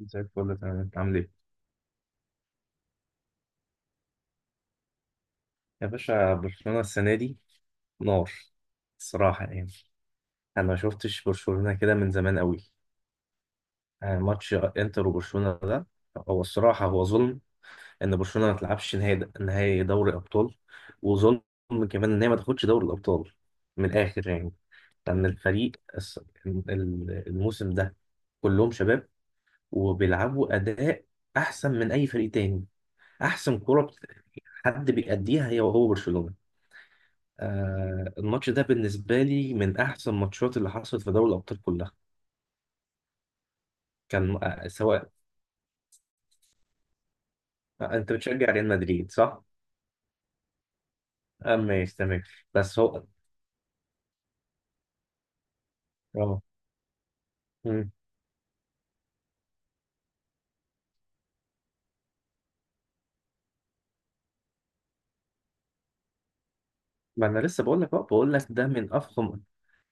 زي الفل تمام. انت عامل ايه؟ يا باشا، برشلونة السنة دي نار الصراحة يعني. أنا ما شفتش برشلونة كده من زمان قوي. يعني ماتش إنتر وبرشلونة ده، هو الصراحة هو ظلم إن برشلونة ما تلعبش نهائي دوري أبطال. وظلم كمان إن هي ما تاخدش دوري الأبطال من الآخر يعني. لأن الموسم ده كلهم شباب، وبيلعبوا أداء أحسن من أي فريق تاني. أحسن كرة حد بيأديها هي وهو برشلونة. آه الماتش ده بالنسبة لي من أحسن الماتشات اللي حصلت في دوري الأبطال كلها. كان سواء. أنت بتشجع ريال مدريد صح؟ آه ماشي تمام. بس هو اه. مم. ما أنا لسه بقول لك بقى بقول لك ده من أفخم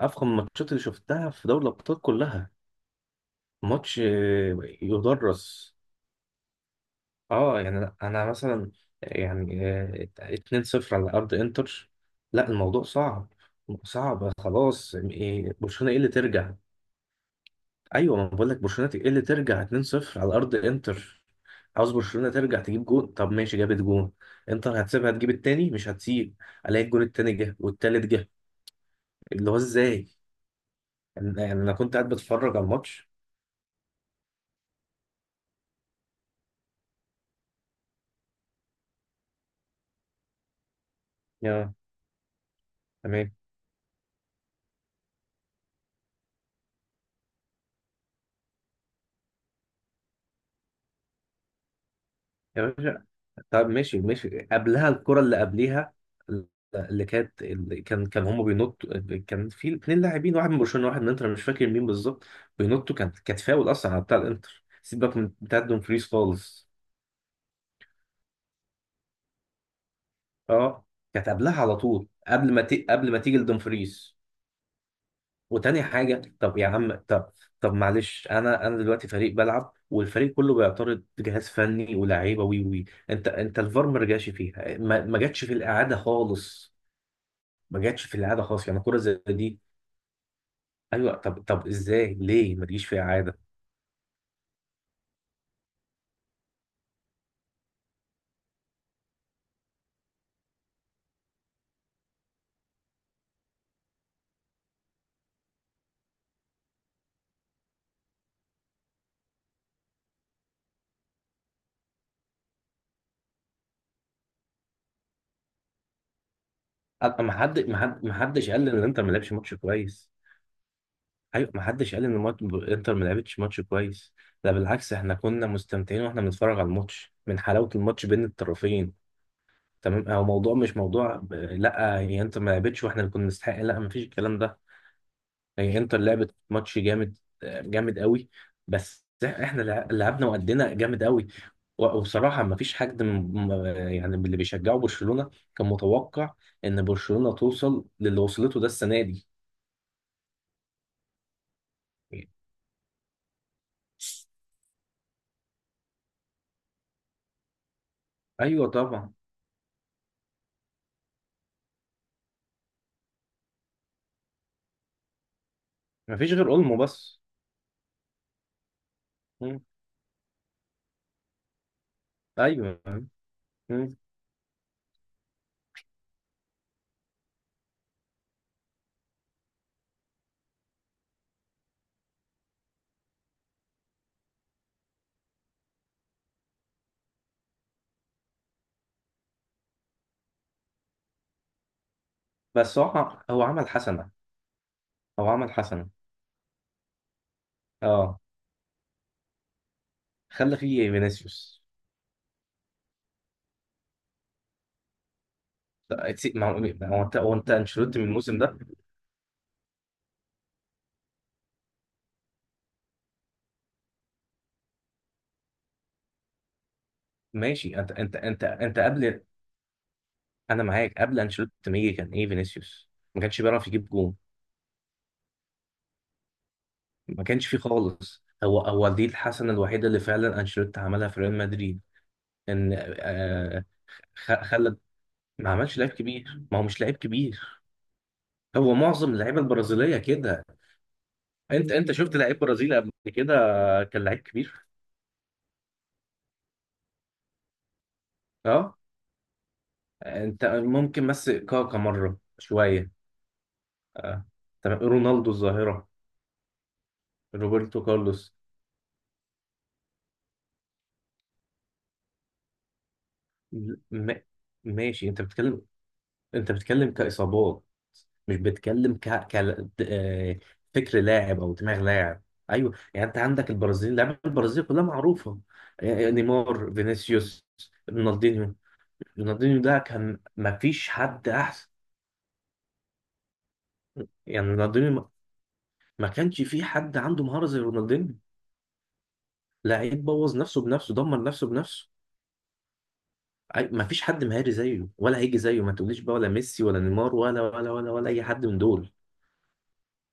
أفخم الماتشات اللي شفتها في دوري الأبطال كلها. ماتش، يدرس. اه يعني أنا مثلا، يعني 2-0 على أرض إنتر. لا الموضوع صعب. صعب خلاص. إيه، برشلونة إيه اللي ترجع؟ ايوه ما بقول لك، برشلونه ايه اللي ترجع 2-0 على ارض انتر؟ عاوز برشلونه ترجع تجيب جون، طب ماشي جابت جون، انتر هتسيبها تجيب التاني؟ مش هتسيب. الاقي الجون التاني جه والتالت جه. اللي هو ازاي؟ يعني انا كنت قاعد بتفرج على الماتش. يا تمام يا باشا. طب ماشي ماشي، قبلها الكره اللي قبليها، اللي كان هم بينطوا. كان في اتنين لاعبين، واحد من برشلونه واحد من انتر، أنا مش فاكر مين بالظبط. بينطوا، كانت فاول اصلا على بتاع الانتر، سيبك من بتاع دومفريز خالص. اه كانت قبلها على طول، قبل ما قبل ما تيجي لدومفريز. وتاني حاجه، طب يا عم، طب، طب معلش، انا دلوقتي فريق بلعب والفريق كله بيعترض، جهاز فني ولاعيبه وي وي انت الفار ما رجعش فيها، ما جاتش في الاعاده خالص. ما جاتش في الاعاده خالص يعني كره زي دي. ايوه طب ازاي ليه ما تجيش في اعاده؟ ما حدش قال ان انت ما لعبش ماتش كويس. ايوه ما حدش قال ان الماتش، انتر ما لعبتش ماتش كويس. لا بالعكس، احنا كنا مستمتعين واحنا بنتفرج على الماتش من حلاوه الماتش بين الطرفين. تمام، هو موضوع مش موضوع لا هي انتر ما لعبتش واحنا اللي كنا نستحق، لا ما فيش الكلام ده. هي انتر لعبت ماتش جامد. جامد قوي. بس احنا لعبنا وادينا جامد قوي. وبصراحه ما فيش حد من، م- يعني من اللي بيشجعوا برشلونه، كان متوقع ان برشلونه توصل للي وصلته ده السنه دي. ايوه طبعا. ما فيش غير اولمو بس. مم. ايوه. مم. بس هو عمل حسنه. هو عمل حسنه. اه خلى فيه فينيسيوس. لا، ما هو انت، هو انت انشيلوتي من الموسم ده. ماشي، انت قبل، انا معاك، قبل انشيلوتي ما يجي كان ايه فينيسيوس؟ ما كانش بيعرف يجيب جون. ما كانش فيه خالص. هو دي الحسنه الوحيده اللي فعلا انشيلوتي عملها في ريال مدريد. ان آه خلى. ما عملش لعيب كبير. ما هو مش لعيب كبير. هو معظم اللعيبه البرازيليه كده. انت شفت لعيب برازيلي قبل كده كان لعيب كبير؟ اه انت ممكن بس كاكا مره شويه. اه تمام، رونالدو الظاهره، روبرتو كارلوس. م... ماشي، انت بتتكلم، انت بتتكلم كاصابات، مش بتتكلم ك... ك... آه، فكر لاعب او دماغ لاعب. ايوه يعني انت عندك البرازيل، لعيبه البرازيل كلها معروفه. نيمار، فينيسيوس، رونالدينيو. رونالدينيو ده كان ما فيش حد احسن. يعني رونالدينيو ما كانش في حد عنده مهارة زي رونالدينيو. لعيب بوظ نفسه بنفسه، دمر نفسه بنفسه. ما فيش حد مهاري زيه ولا هيجي زيه. ما تقوليش بقى ولا ميسي ولا نيمار ولا اي حد من دول.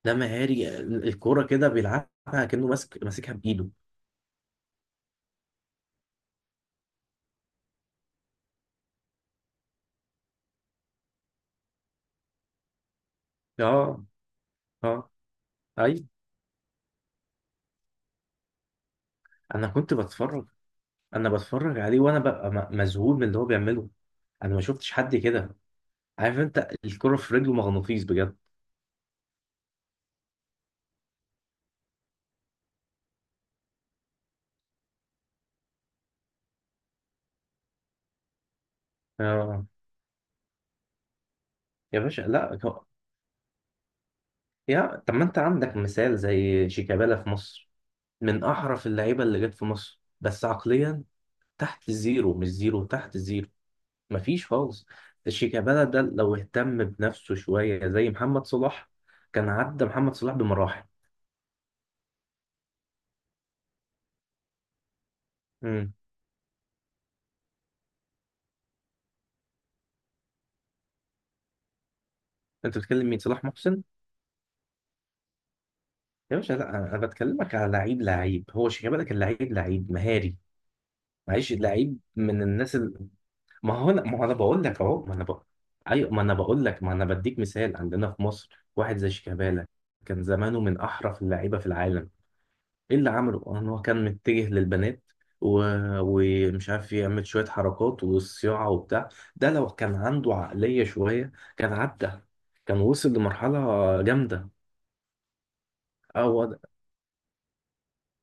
ده مهاري، الكوره كده بيلعبها كأنه ماسكها بايده. اه، اه، اي، انا كنت بتفرج. انا بتفرج عليه وانا ببقى مذهول من اللي هو بيعمله. انا ما شفتش حد كده. عارف، انت الكرة في رجله مغناطيس بجد. اه يا باشا لا، يا طب ما انت عندك مثال زي شيكابالا في مصر. من احرف اللعيبه اللي جت في مصر، بس عقليا تحت الزيرو، مش زيرو، تحت الزيرو. مفيش خالص. شيكابالا ده لو اهتم بنفسه شويه زي محمد صلاح، كان عدى محمد صلاح بمراحل. امم انت بتتكلم مين؟ صلاح محسن؟ يا باشا لا، انا بتكلمك على لعيب. لعيب، هو شيكابالا، كان لعيب، لعيب مهاري. معلش، لعيب من الناس ما هو انا بقول لك اهو، ما انا بقول. ايوه ما انا بقول لك، ما انا بديك مثال عندنا في مصر واحد زي شيكابالا، كان زمانه من احرف اللعيبه في العالم. ايه اللي عمله ان هو كان متجه للبنات و... ومش عارف، يعمل شوية حركات وصياعة وبتاع. ده لو كان عنده عقلية شوية، كان عدى، كان وصل لمرحلة جامدة. اه هو،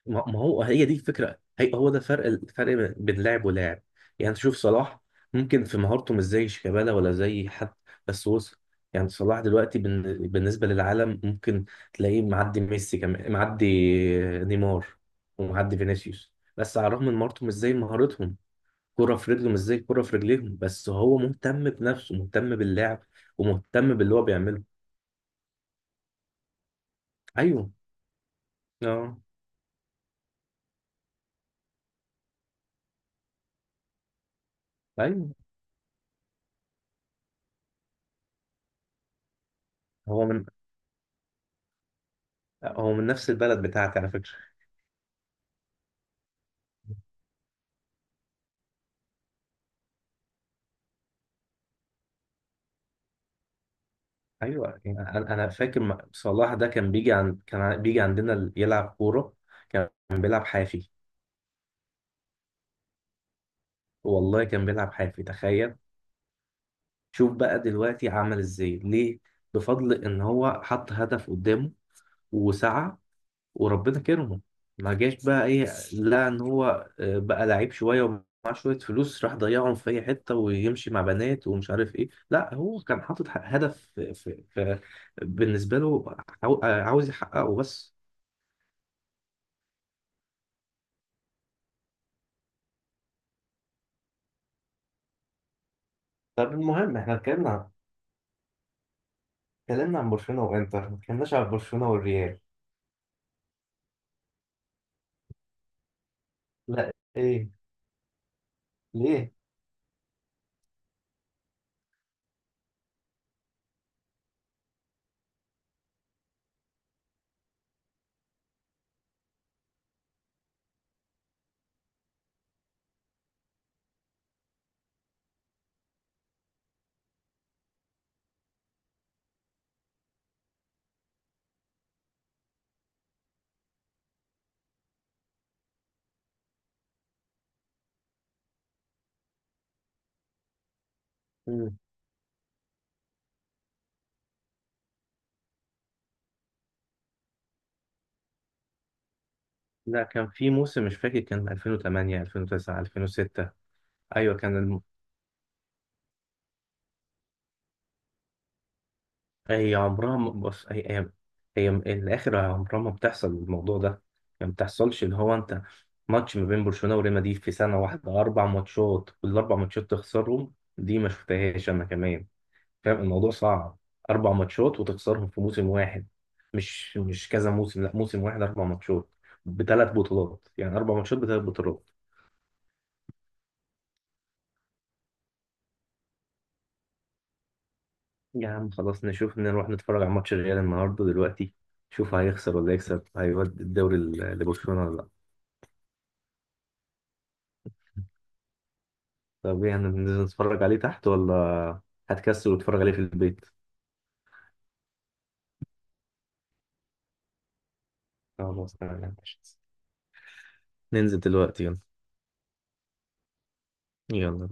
ما هو هي دي الفكره، هي هو ده الفرق بين لاعب ولاعب. يعني انت شوف صلاح، ممكن في مهارته مش زي شيكابالا ولا زي حد، بس وصل. يعني صلاح دلوقتي بالنسبه للعالم، ممكن تلاقيه معدي ميسي، كمان معدي نيمار، ومعدي فينيسيوس، بس على الرغم من مهارته مش زي مهارتهم، كرة في رجله مش زي كرة في رجليهم، بس هو مهتم بنفسه، مهتم باللعب، ومهتم باللي هو بيعمله. ايوه. اه. ايوه. هو من، هو من نفس البلد بتاعتي على فكرة. ايوه يعني انا فاكر، صلاح ده كان بيجي عند، كان بيجي عندنا يلعب كوره. كان بيلعب حافي. والله كان بيلعب حافي تخيل. شوف بقى دلوقتي عمل ازاي ليه. بفضل ان هو حط هدف قدامه وسعى، وربنا كرمه. ما جاش بقى ايه، لا ان هو بقى لعيب شويه ومعاه شويه فلوس، راح ضيعهم في اي حته ويمشي مع بنات ومش عارف ايه. لا، هو كان حاطط هدف بالنسبه له، عاوز يحققه بس. طب المهم احنا اتكلمنا، اتكلمنا عن برشلونة وانتر، ما اتكلمناش عن برشلونة والريال. لا ايه، ليه؟ مم. لا كان في موسم مش فاكر، كان 2008 2009 2006. ايوه كان هي عمرها بص، هي، هي الاخر عمرها ما بتحصل، الموضوع ده يعني ما بتحصلش. اللي هو انت، ماتش ما بين برشلونة وريال مدريد في سنة واحدة، اربع ماتشات والاربع ماتشات تخسرهم، دي ما شفتهاش انا كمان. فاهم؟ الموضوع صعب. اربع ماتشات وتخسرهم في موسم واحد، مش كذا موسم، لا موسم واحد اربع ماتشات بثلاث بطولات. يعني اربع ماتشات بثلاث بطولات. يا عم خلاص، نشوف نروح نتفرج على ماتش الريال النهارده دلوقتي. شوف هيخسر ولا يكسب، هيودي الدوري لبرشلونه ولا لا. طب ايه، هننزل نتفرج عليه تحت ولا هتكسل وتتفرج عليه في البيت؟ خلاص تمام يا باشا. ننزل دلوقتي يلا. يلا